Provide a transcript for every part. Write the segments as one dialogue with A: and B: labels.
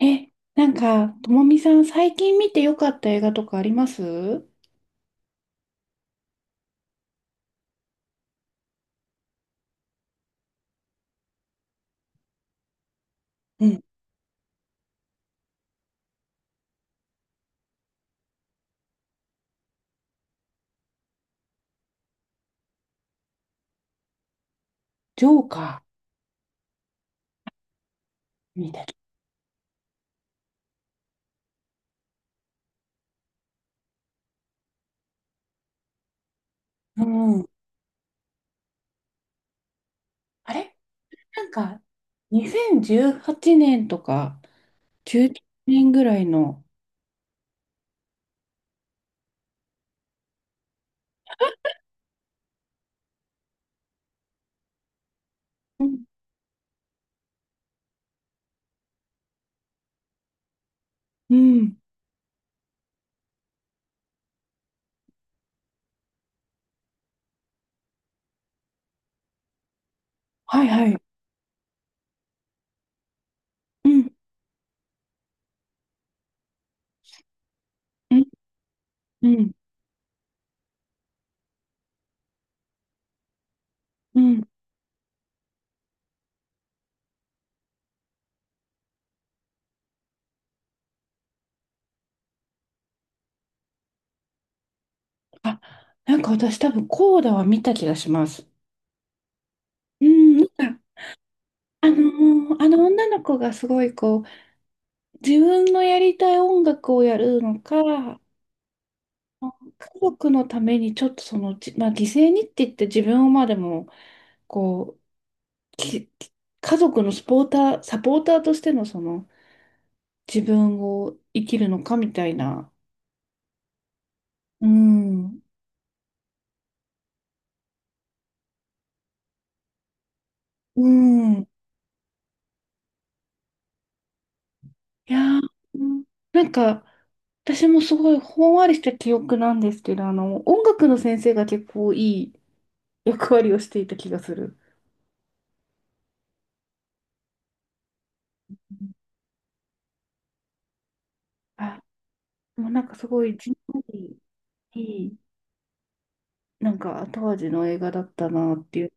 A: え、なんか、ともみさん、最近見てよかった映画とかありますう？ん。ジョーカー見てる？うん。あれなんか、2018年とか、19年ぐらいの。うん。うん、はいはい。うん。うん。うん。うん。あ、なんか私多分、コーダは見た気がします。うん。なんか、あのあの女の子がすごいこう、自分のやりたい音楽をやるのか、あ家族のためにちょっとその、まあ、犠牲にって言って自分を、まあでもこう、き家族のスポーターサポーターとしてのその自分を生きるのかみたいな。うん。うん。いやー、うん、なんか私もすごいほんわりした記憶なんですけど、あの音楽の先生が結構いい役割をしていた気がする。あ、もうなんかすごいじんわりいい、なんか後味の映画だったなっていう。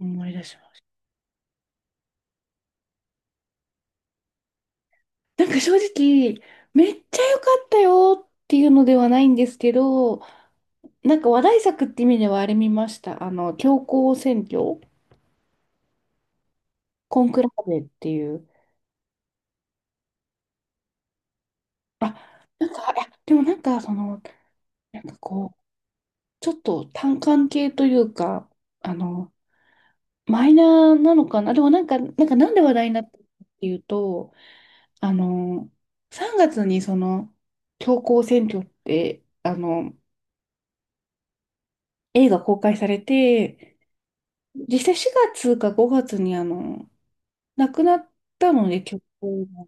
A: 思い出しました。なんか正直、めっちゃ良かったよっていうのではないんですけど、なんか話題作って意味ではあれ見ました。あの、教皇選挙、コンクラーベっていう。あ、なんか、いや、でもなんかその、なんかこう、ちょっと単管系というか、あの、マイナーなのかな。でもなんかなんで話題になったかっていうと、あの、3月にその、教皇選挙って、あの、映画公開されて、実際4月か5月にあの、亡くなったので、教皇が。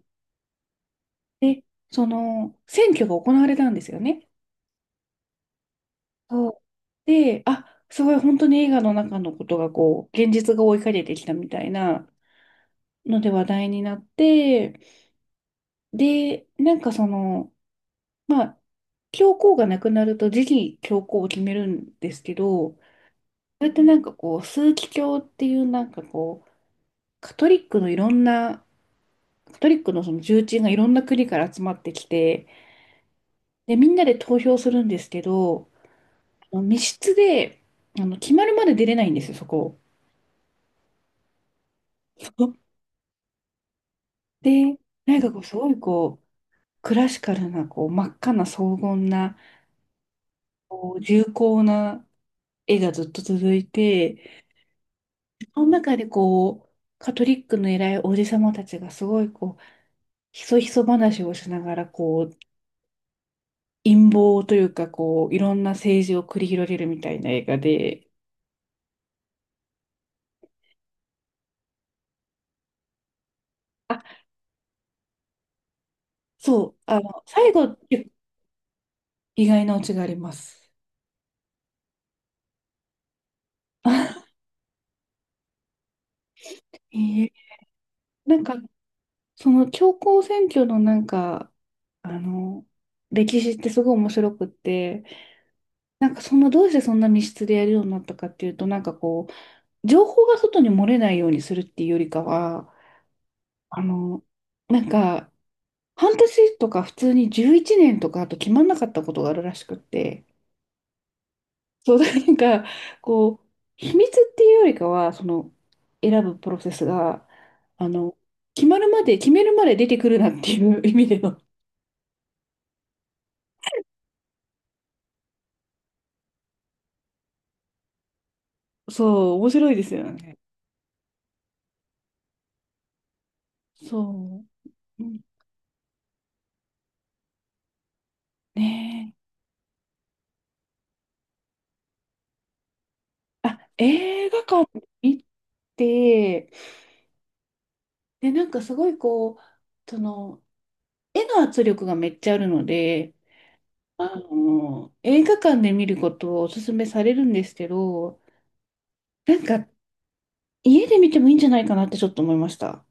A: で、その、選挙が行われたんですよね。そうで、あ、すごい本当に映画の中のことがこう、現実が追いかけてきたみたいなので話題になって、で、なんかその、まあ、教皇が亡くなると次期教皇を決めるんですけど、それってなんかこう、枢機卿っていうなんかこう、カトリックのいろんな、カトリックのその重鎮がいろんな国から集まってきて、で、みんなで投票するんですけど、あの密室で、あの、決まるまで出れないんですよ、そこ。で、なんかこう、すごいこう、クラシカルな、こう、真っ赤な荘厳な、こう、重厚な絵がずっと続いて、その中でこう、カトリックの偉いおじさまたちがすごいこう、ひそひそ話をしながら、こう、陰謀というか、こう、いろんな政治を繰り広げるみたいな映画で、あ、そう、あの、最後、意外なオチがあります。えーなんか、その教皇選挙のなんか、あの、歴史ってすごい面白くって、なんかそんな、どうしてそんな密室でやるようになったかっていうと、なんかこう、情報が外に漏れないようにするっていうよりかは、あの、なんか、半年とか普通に11年とかあと決まんなかったことがあるらしくって、そう、なんか、こう、秘密っていうよりかは、その、選ぶプロセスが、あの、決めるまで出てくるなっていう意味での。そう、面白いですよね。ね、そう。うん、ねえ。あ、映画館見て、で、なんかすごいこう、その、絵の圧力がめっちゃあるので、あの、映画館で見ることをおすすめされるんですけど、なんか、家で見てもいいんじゃないかなってちょっと思いました。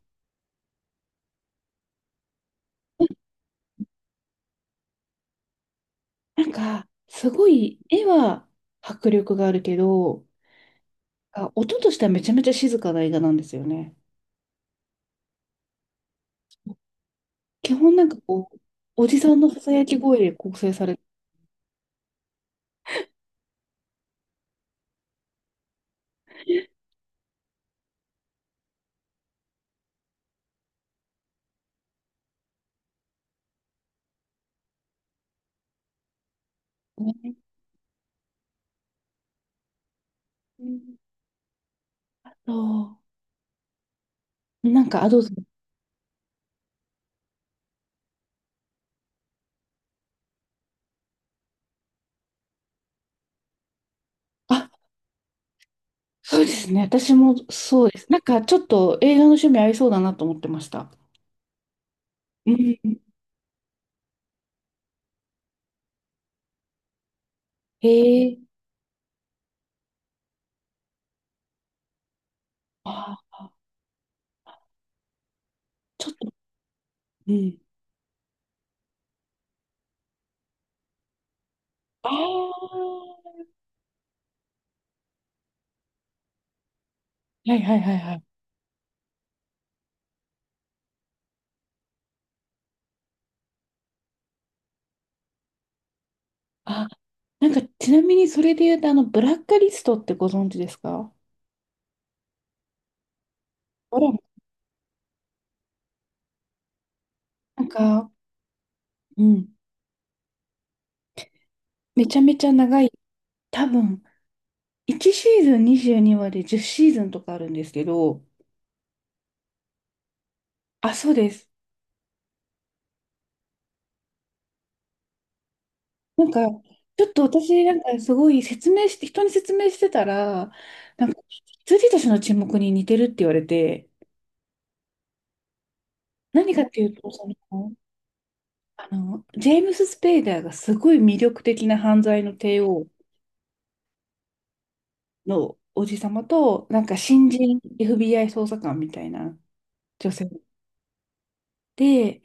A: なんか、すごい、絵は迫力があるけど、あ、音としてはめちゃめちゃ静かな映画なんですよね。基本なんかこう、おじさんのささやき声で構成されてるね。うん、そう。なんか、あ、どうぞ。あ、そうですね。私もそうです。なんか、ちょっと映画の趣味合いそうだなと思ってました。うん。へえ。ああ、ちょっと、うん。ああ。はいはいはいはい。あ、なんか、ちなみにそれで言うと、あの、ブラックリストってご存知ですか？ほら、なんか、うん。めちゃめちゃ長い。多分、1シーズン22話で10シーズンとかあるんですけど、あ、そうです。なんか、ちょっと私、なんかすごい説明して、人に説明してたら、なんか、羊たちの沈黙に似てるって言われて、何かっていうと、その、あの、ジェームス・スペイダーがすごい魅力的な犯罪の帝王のおじさまと、なんか新人 FBI 捜査官みたいな女性で、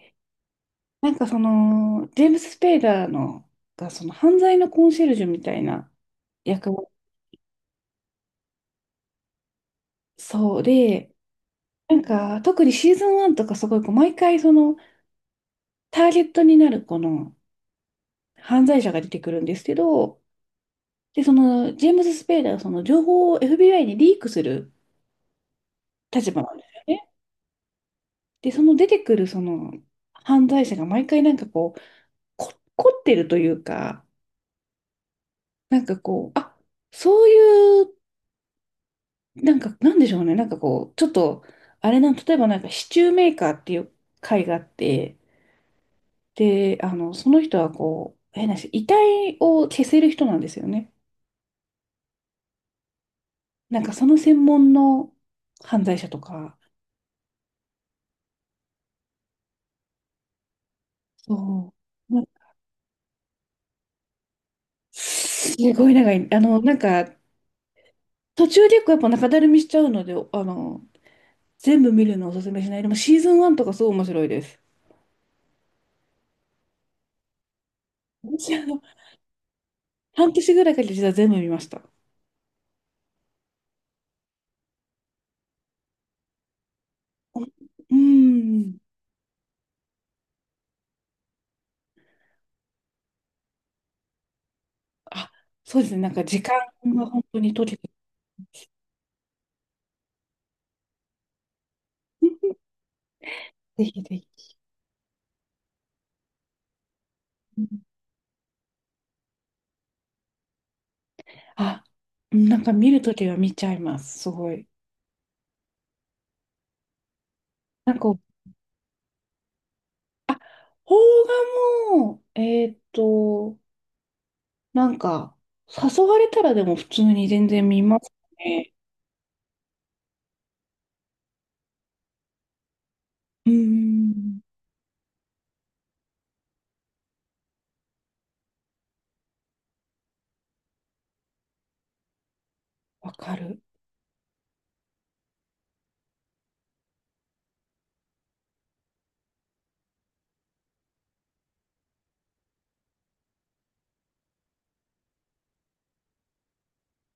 A: なんかその、ジェームス・スペイダーのが、その犯罪のコンシェルジュみたいな役を、そうで、なんか特にシーズン1とかすごいこう毎回そのターゲットになるこの犯罪者が出てくるんですけど、で、そのジェームス・スペイダーはその情報を FBI にリークする立場なんですよね。で、その出てくるその犯罪者が毎回なんかこう、こ、凝ってるというか、なんかこう、あ、そういうなんか、なんでしょうね。なんかこう、ちょっと、あれなん、例えばなんかシチューメーカーっていう会があって、で、あの、その人はこう、変な話、遺体を消せる人なんですよね。なんかその専門の犯罪者とか、そう。すごい長い。あの、なんか、途中で結構やっぱ中だるみしちゃうので、あの、全部見るのをおすすめしない。でもシーズン1とかすごい面白いです。私、あの、半年ぐらいかけて実は全部見ました。うん。あ、そうですね。なんか時間が本当に解けて、ぜひぜひ。あ、なんか見るときは見ちゃいます。すごい。なんか、あ、邦画も、ーっと、なんか、誘われたらでも普通に全然見ますね。うん、わかる。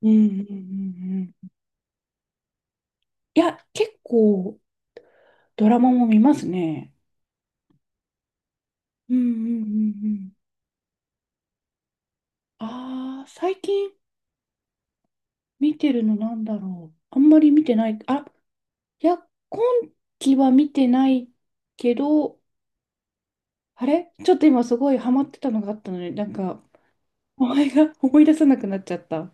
A: うん、うん、うんうん。いや、結構ドラマも見ますね。うん、うん、うん、うん。ああ、最近見てるのなんだろう。あんまり見てない。あ、いや、今期は見てないけど、あれちょっと今すごいハマってたのがあったのに、なんか、名前が思い出さなくなっちゃった。